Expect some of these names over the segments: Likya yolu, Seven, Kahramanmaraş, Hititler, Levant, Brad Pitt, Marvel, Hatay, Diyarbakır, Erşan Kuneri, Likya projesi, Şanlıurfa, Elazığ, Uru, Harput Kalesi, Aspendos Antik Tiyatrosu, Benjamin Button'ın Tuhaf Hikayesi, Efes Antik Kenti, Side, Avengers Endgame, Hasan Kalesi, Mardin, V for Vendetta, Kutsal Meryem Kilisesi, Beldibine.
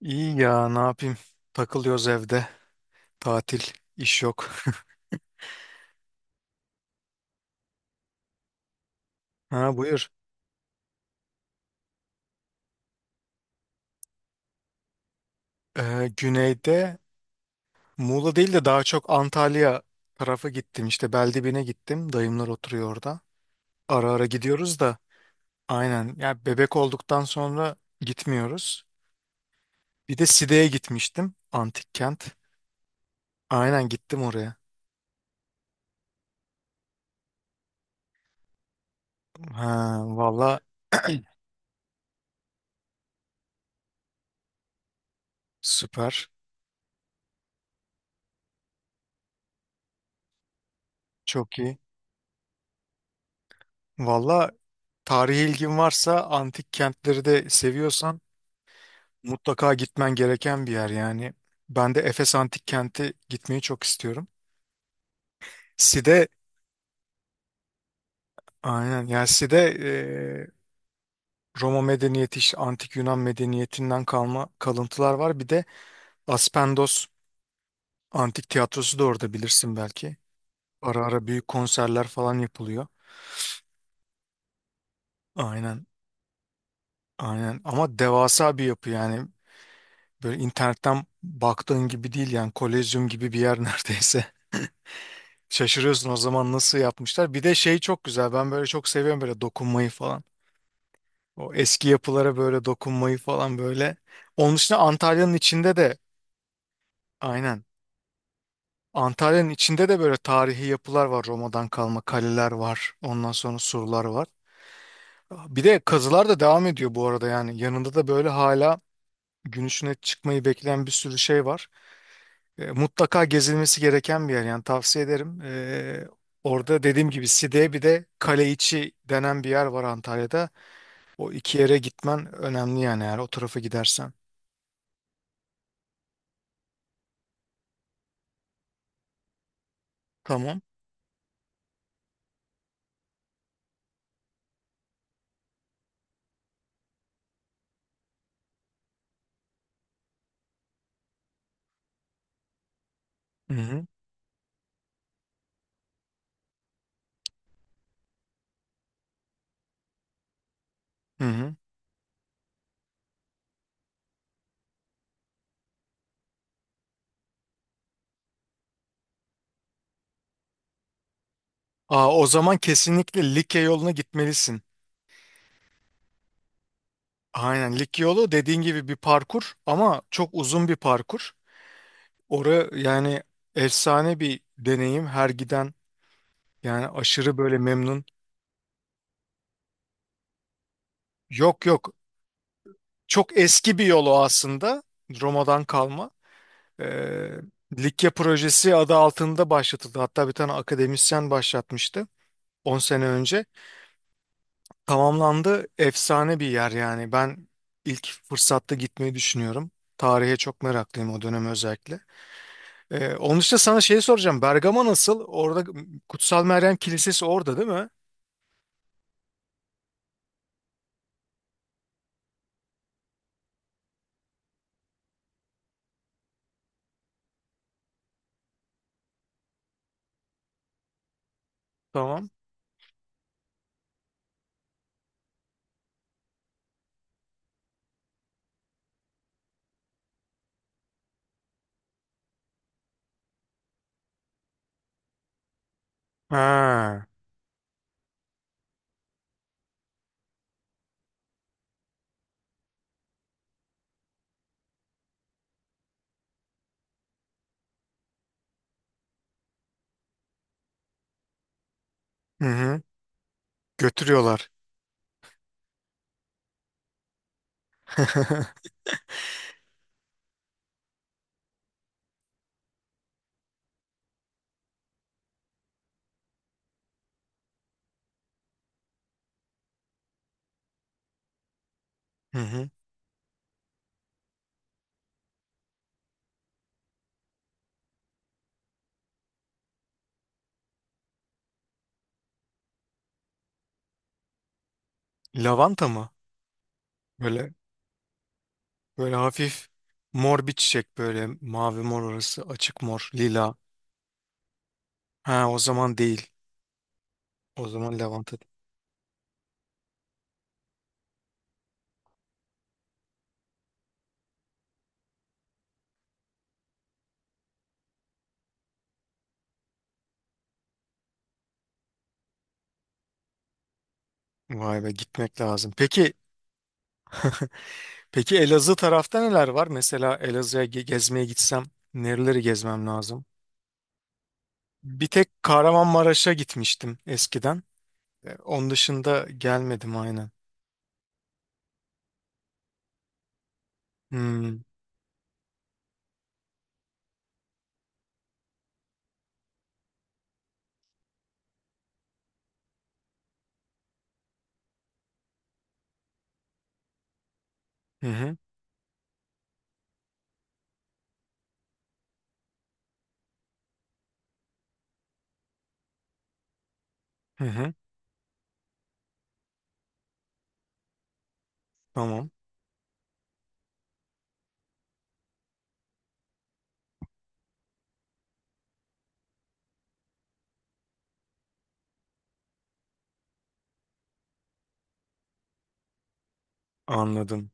İyi ya ne yapayım? Takılıyoruz evde. Tatil, iş yok. Ha buyur. Güneyde Muğla değil de daha çok Antalya tarafı gittim. İşte Beldibine gittim. Dayımlar oturuyor orada. Ara ara gidiyoruz da aynen. Ya bebek olduktan sonra gitmiyoruz. Bir de Side'ye gitmiştim. Antik kent. Aynen gittim oraya. Ha valla süper. Çok iyi. Valla tarihi ilgin varsa antik kentleri de seviyorsan mutlaka gitmen gereken bir yer yani. Ben de Efes Antik Kenti gitmeyi çok istiyorum. Side aynen yani Side Roma medeniyeti işte antik Yunan medeniyetinden kalma kalıntılar var. Bir de Aspendos Antik Tiyatrosu da orada bilirsin belki. Ara ara büyük konserler falan yapılıyor. Aynen aynen ama devasa bir yapı yani. Böyle internetten baktığın gibi değil yani kolezyum gibi bir yer neredeyse. Şaşırıyorsun o zaman nasıl yapmışlar. Bir de şey çok güzel. Ben böyle çok seviyorum böyle dokunmayı falan. O eski yapılara böyle dokunmayı falan böyle. Onun dışında Antalya'nın içinde de aynen. Antalya'nın içinde de böyle tarihi yapılar var. Roma'dan kalma kaleler var. Ondan sonra surlar var. Bir de kazılar da devam ediyor bu arada yani. Yanında da böyle hala gün ışığına çıkmayı bekleyen bir sürü şey var. Mutlaka gezilmesi gereken bir yer yani tavsiye ederim. Orada dediğim gibi Side'ye bir de kale içi denen bir yer var Antalya'da. O iki yere gitmen önemli yani eğer o tarafa gidersen. Tamam. Hı hı. Hı hı. Aa, o zaman kesinlikle Likya yoluna gitmelisin. Aynen Likya yolu dediğin gibi bir parkur ama çok uzun bir parkur. Orası yani efsane bir deneyim her giden yani aşırı böyle memnun. Yok yok, çok eski bir yolu aslında Roma'dan kalma. Ee, Likya projesi adı altında başlatıldı. Hatta bir tane akademisyen başlatmıştı 10 sene önce. Tamamlandı. Efsane bir yer yani. Ben ilk fırsatta gitmeyi düşünüyorum. Tarihe çok meraklıyım o döneme özellikle. Onun dışında sana şeyi soracağım. Bergama nasıl? Orada Kutsal Meryem Kilisesi orada değil mi? Tamam. Ha. Hı hı. Götürüyorlar. Hı hı. Lavanta mı? Böyle böyle hafif mor bir çiçek böyle mavi mor orası açık mor lila. Ha o zaman değil. O zaman Levant'a vay be, gitmek lazım. Peki peki Elazığ tarafta neler var? Mesela Elazığ'a gezmeye gitsem nereleri gezmem lazım? Bir tek Kahramanmaraş'a gitmiştim eskiden. E, onun dışında gelmedim aynen. Hmm. Hı hı. Hı hı. Tamam. Anladım.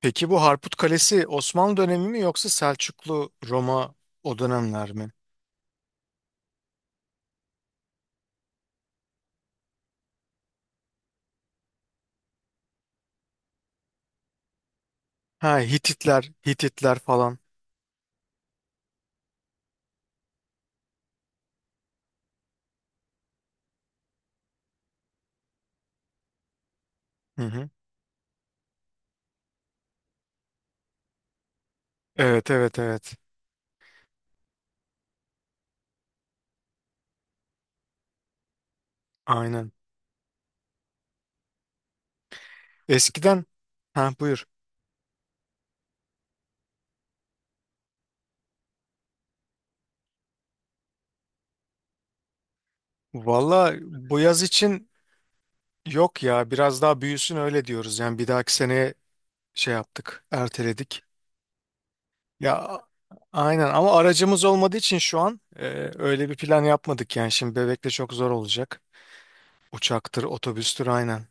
Peki bu Harput Kalesi Osmanlı dönemi mi yoksa Selçuklu Roma o dönemler mi? Ha Hititler, Hititler falan. Hı hı. Evet evet evet. Aynen. Eskiden ha buyur. Valla bu yaz için yok ya, biraz daha büyüsün öyle diyoruz. Yani bir dahaki seneye şey yaptık, erteledik. Ya aynen ama aracımız olmadığı için şu an öyle bir plan yapmadık yani. Şimdi bebekle çok zor olacak. Uçaktır, otobüstür aynen.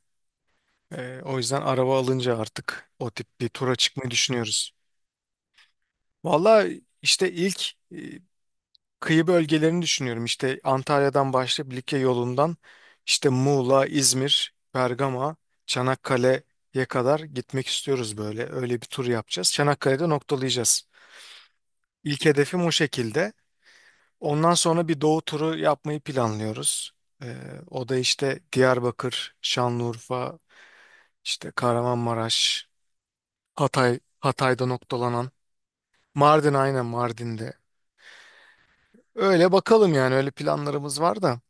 E, o yüzden araba alınca artık o tip bir tura çıkmayı düşünüyoruz. Valla işte ilk kıyı bölgelerini düşünüyorum. İşte Antalya'dan başlayıp Likya yolundan işte Muğla, İzmir, Bergama, Çanakkale'ye kadar gitmek istiyoruz böyle. Öyle bir tur yapacağız. Çanakkale'de noktalayacağız. İlk hedefim o şekilde. Ondan sonra bir doğu turu yapmayı planlıyoruz. Ee, O da işte Diyarbakır, Şanlıurfa, işte Kahramanmaraş, Hatay, Hatay'da noktalanan. Mardin aynen Mardin'de. Öyle bakalım yani öyle planlarımız var da.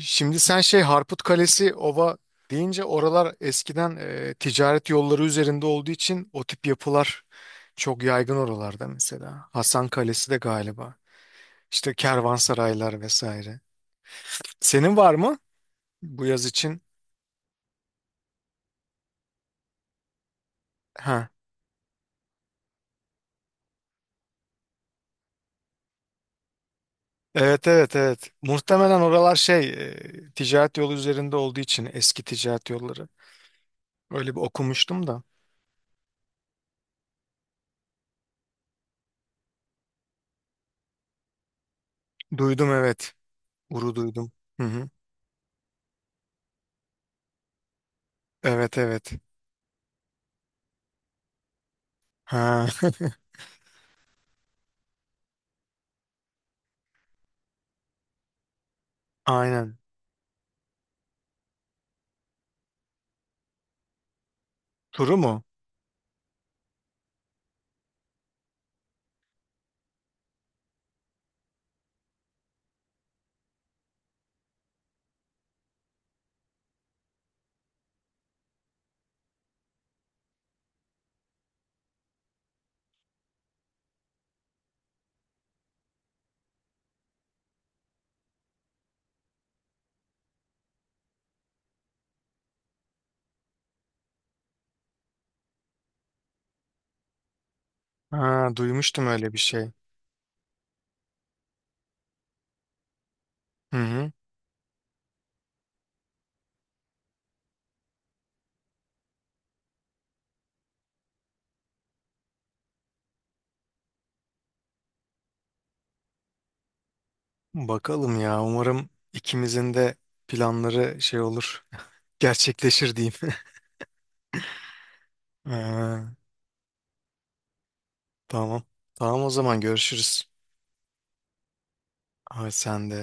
Şimdi sen şey Harput Kalesi, Ova deyince oralar eskiden ticaret yolları üzerinde olduğu için o tip yapılar çok yaygın oralarda mesela. Hasan Kalesi de galiba. İşte kervansaraylar vesaire. Senin var mı bu yaz için? Ha. Evet evet evet. Muhtemelen oralar şey ticaret yolu üzerinde olduğu için eski ticaret yolları. Öyle bir okumuştum da. Duydum evet. Uru duydum. Hı hı. Evet evet. Ha, aynen. Turu mu? Ha, duymuştum öyle bir şey. Hı hı. Bakalım ya. Umarım ikimizin de planları şey olur. Gerçekleşir diyeyim. Ha, tamam. Tamam o zaman görüşürüz. Ay sen de.